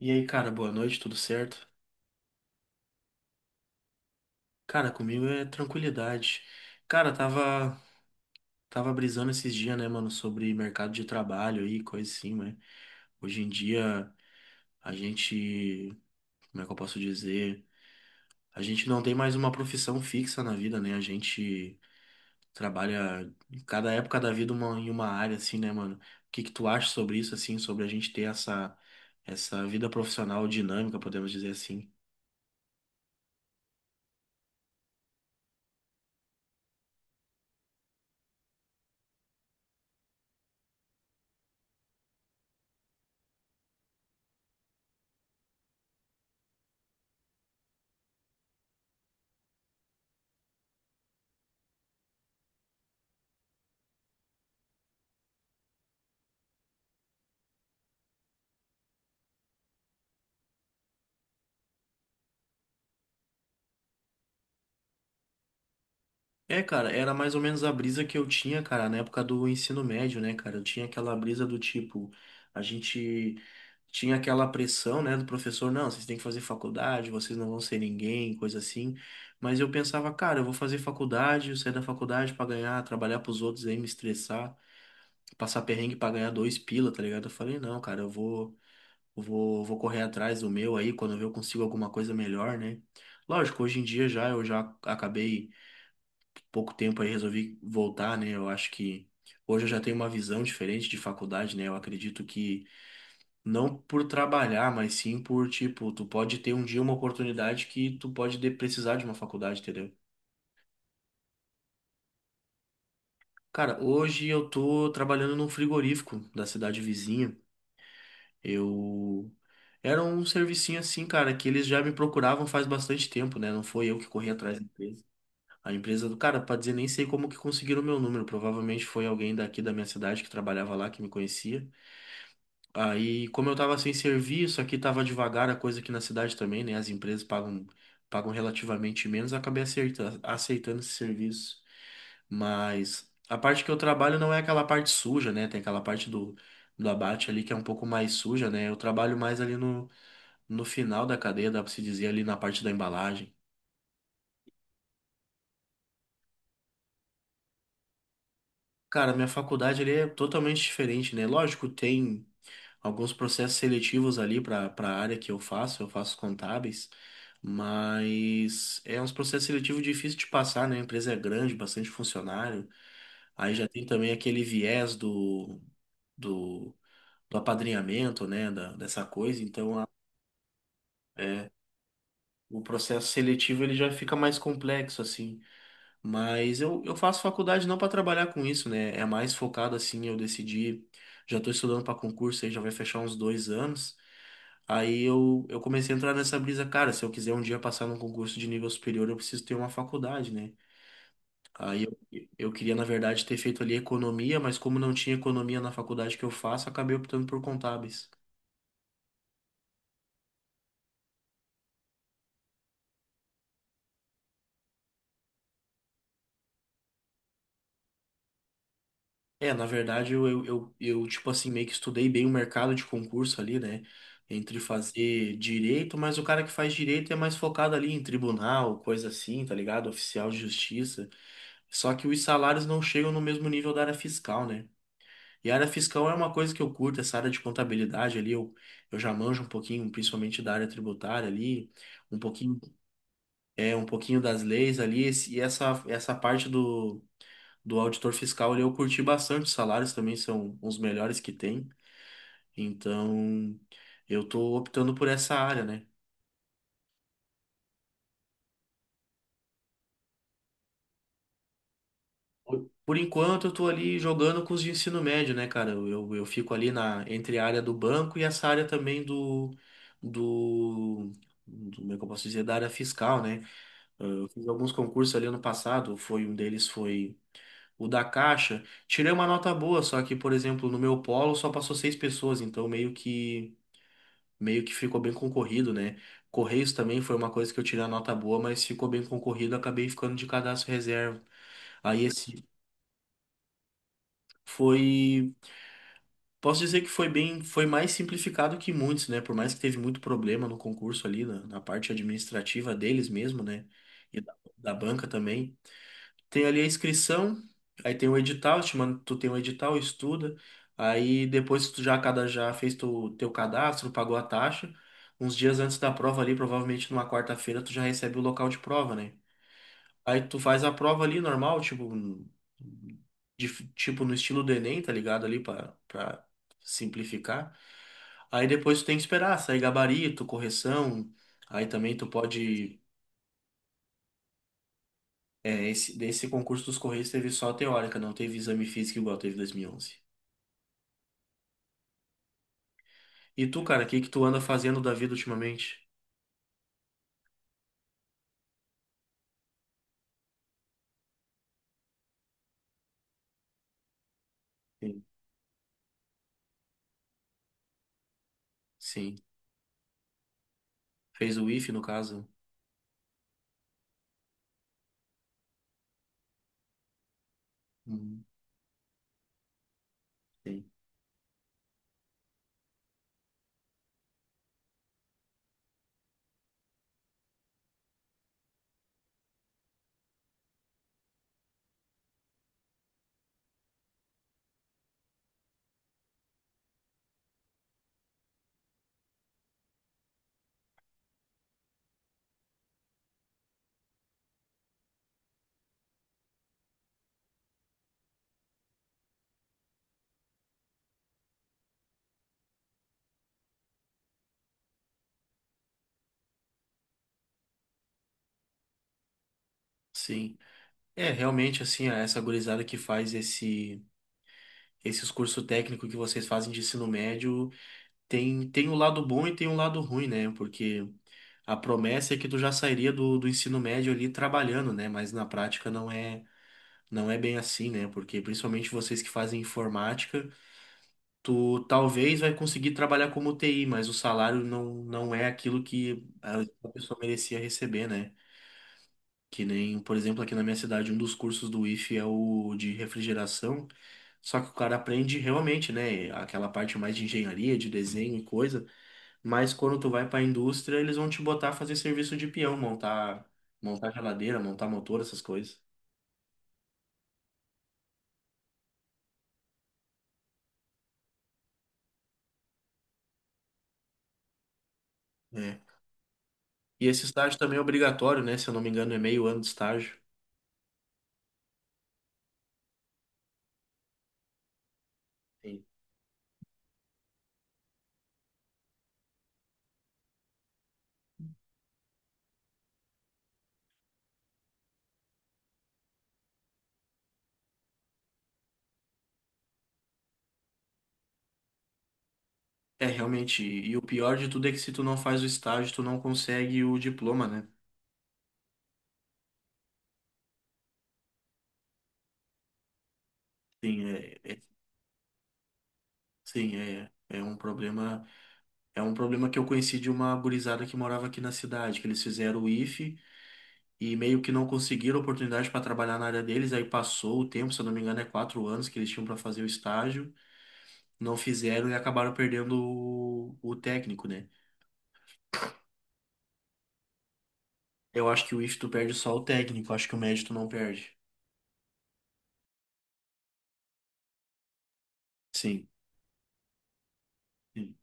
E aí, cara, boa noite, tudo certo? Cara, comigo é tranquilidade. Cara, tava brisando esses dias, né, mano, sobre mercado de trabalho e coisa assim, né? Hoje em dia, a gente, como é que eu posso dizer? A gente não tem mais uma profissão fixa na vida, né? A gente trabalha em cada época da vida uma, em uma área, assim, né, mano? O que que tu acha sobre isso, assim, sobre a gente ter essa vida profissional dinâmica, podemos dizer assim? É, cara, era mais ou menos a brisa que eu tinha, cara, na época do ensino médio, né, cara? Eu tinha aquela brisa do tipo, a gente tinha aquela pressão, né, do professor, não, vocês têm que fazer faculdade, vocês não vão ser ninguém, coisa assim. Mas eu pensava, cara, eu vou fazer faculdade, eu sair da faculdade pra ganhar, trabalhar pros outros aí, me estressar, passar perrengue pra ganhar dois pila, tá ligado? Eu falei, não, cara, eu vou correr atrás do meu aí, quando eu ver eu consigo alguma coisa melhor, né? Lógico, hoje em dia já eu já acabei pouco tempo aí resolvi voltar, né? Eu acho que hoje eu já tenho uma visão diferente de faculdade, né? Eu acredito que não por trabalhar, mas sim por, tipo, tu pode ter um dia uma oportunidade que precisar de uma faculdade, entendeu? Cara, hoje eu tô trabalhando num frigorífico da cidade vizinha. Eu era um servicinho assim, cara, que eles já me procuravam faz bastante tempo, né? Não foi eu que corri atrás da empresa. A empresa do cara, pra dizer, nem sei como que conseguiram o meu número. Provavelmente foi alguém daqui da minha cidade que trabalhava lá, que me conhecia. Aí, como eu tava sem serviço, aqui tava devagar a coisa aqui na cidade também, né? As empresas pagam relativamente menos, eu acabei aceitando esse serviço. Mas a parte que eu trabalho não é aquela parte suja, né? Tem aquela parte do abate ali que é um pouco mais suja, né? Eu trabalho mais ali no final da cadeia, dá pra se dizer, ali na parte da embalagem. Cara, minha faculdade ali é totalmente diferente, né? Lógico, tem alguns processos seletivos ali para a área que eu faço contábeis, mas é uns processos seletivos difíceis de passar, né? A empresa é grande, bastante funcionário. Aí já tem também aquele viés do, do, do apadrinhamento, né? Dessa coisa. Então, é, o processo seletivo ele já fica mais complexo, assim. Mas eu faço faculdade não para trabalhar com isso, né? É mais focado, assim, eu decidi. Já estou estudando para concurso aí, já vai fechar uns dois anos. Aí eu comecei a entrar nessa brisa, cara, se eu quiser um dia passar num concurso de nível superior, eu preciso ter uma faculdade, né? Aí eu queria, na verdade, ter feito ali economia, mas como não tinha economia na faculdade que eu faço, acabei optando por contábeis. É, na verdade, tipo assim, meio que estudei bem o mercado de concurso ali, né? Entre fazer direito, mas o cara que faz direito é mais focado ali em tribunal, coisa assim, tá ligado? Oficial de justiça. Só que os salários não chegam no mesmo nível da área fiscal, né? E a área fiscal é uma coisa que eu curto, essa área de contabilidade ali, eu já manjo um pouquinho, principalmente da área tributária ali, um pouquinho, é, um pouquinho das leis ali, e essa parte do auditor fiscal ali eu curti bastante, os salários também são os melhores que tem, então eu tô optando por essa área, né? Por enquanto, eu tô ali jogando com os de ensino médio, né, cara? Eu fico ali na, entre a área do banco e essa área também do, como é que eu posso dizer, da área fiscal, né? Eu fiz alguns concursos ali ano passado, foi um deles foi o da Caixa. Tirei uma nota boa, só que, por exemplo, no meu polo só passou seis pessoas, então meio que ficou bem concorrido, né? Correios também foi uma coisa que eu tirei a nota boa, mas ficou bem concorrido, acabei ficando de cadastro reserva. Aí esse foi. Posso dizer que foi bem, foi mais simplificado que muitos, né? Por mais que teve muito problema no concurso ali, na parte administrativa deles mesmo, né? E da banca também. Tem ali a inscrição, aí tem o edital, te manda, tu tem o edital, estuda. Aí depois que tu já, cada, já fez tu, teu cadastro, pagou a taxa, uns dias antes da prova ali, provavelmente numa quarta-feira, tu já recebe o local de prova, né? Aí tu faz a prova ali normal, tipo, tipo no estilo do Enem, tá ligado? Ali pra simplificar. Aí depois tu tem que esperar sair gabarito, correção. Aí também tu pode. É, esse, desse concurso dos Correios teve só a teórica, não teve exame físico igual teve 2011. E onze. E tu, cara, o que que tu anda fazendo da vida ultimamente? Sim. Sim. Fez o ife no caso? Uhum. Sim. Sim. É, realmente, assim, essa gurizada que faz esses cursos técnicos que vocês fazem de ensino médio tem um lado bom e tem um lado ruim, né? Porque a promessa é que tu já sairia do ensino médio ali trabalhando, né? Mas na prática não é bem assim, né? Porque principalmente vocês que fazem informática, tu talvez vai conseguir trabalhar como TI, mas o salário não é aquilo que a pessoa merecia receber, né? Que nem, por exemplo, aqui na minha cidade, um dos cursos do IFE é o de refrigeração. Só que o cara aprende realmente, né? Aquela parte mais de engenharia, de desenho e coisa. Mas quando tu vai pra indústria, eles vão te botar a fazer serviço de peão, montar geladeira, montar motor, essas coisas. É. E esse estágio também é obrigatório, né? Se eu não me engano, é meio ano de estágio. Sim. É, realmente. E o pior de tudo é que se tu não faz o estágio, tu não consegue o diploma, né? Sim, é, é- sim, é, é um problema. É um problema que eu conheci de uma gurizada que morava aqui na cidade, que eles fizeram o IFE e meio que não conseguiram oportunidade para trabalhar na área deles, aí passou o tempo, se eu não me engano, é quatro anos que eles tinham para fazer o estágio, não fizeram e acabaram perdendo o técnico, né? Eu acho que o IFE tu perde só o técnico, acho que o médio tu não perde. Sim, sim,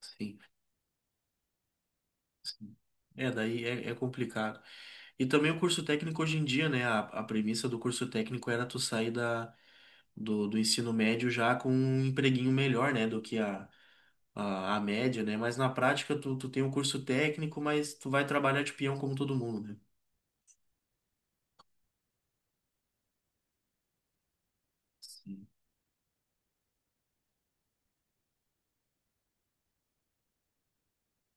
sim, sim. É, daí é, é complicado. E também o curso técnico hoje em dia, né? A premissa do curso técnico era tu sair da do ensino médio já com um empreguinho melhor, né, do que a média, né? Mas na prática tu tem um curso técnico, mas tu vai trabalhar de peão como todo mundo, né? Sim,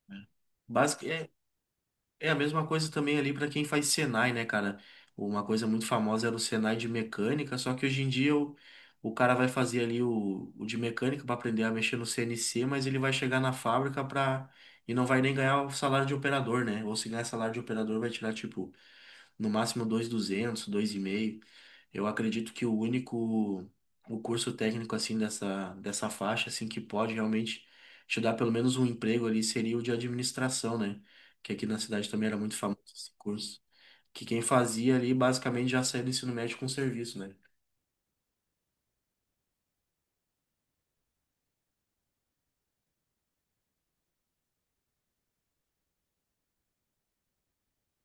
né? É, é a mesma coisa também ali para quem faz Senai, né, cara? Uma coisa muito famosa era o Senai de mecânica, só que hoje em dia o cara vai fazer ali o de mecânica para aprender a mexer no CNC, mas ele vai chegar na fábrica para e não vai nem ganhar o salário de operador, né? Ou se ganhar salário de operador vai tirar tipo no máximo dois dois duzentos, dois mil e 2,5. Eu acredito que o único o curso técnico assim dessa faixa assim que pode realmente te dar pelo menos um emprego ali seria o de administração, né? Que aqui na cidade também era muito famoso esse curso, que quem fazia ali basicamente já saía do ensino médio com serviço, né?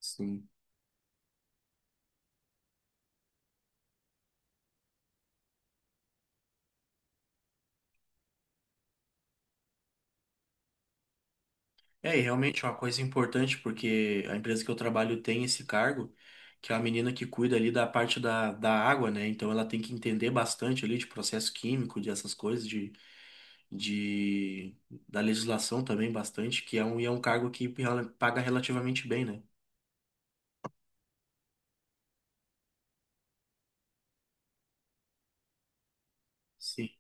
Sim. É, e realmente é uma coisa importante porque a empresa que eu trabalho tem esse cargo que é a menina que cuida ali da parte da água, né? Então ela tem que entender bastante ali de processo químico, de essas coisas, de da legislação também bastante, que é um, e é um cargo que paga relativamente bem, né? Sim,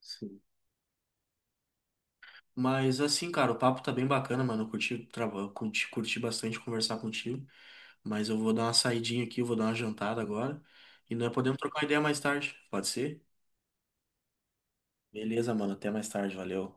sim. Mas assim, cara, o papo tá bem bacana, mano. Eu curti, curti, curti bastante conversar contigo, mas eu vou dar uma saidinha aqui, eu vou dar uma jantada agora. E nós podemos trocar uma ideia mais tarde, pode ser? Beleza, mano. Até mais tarde, valeu.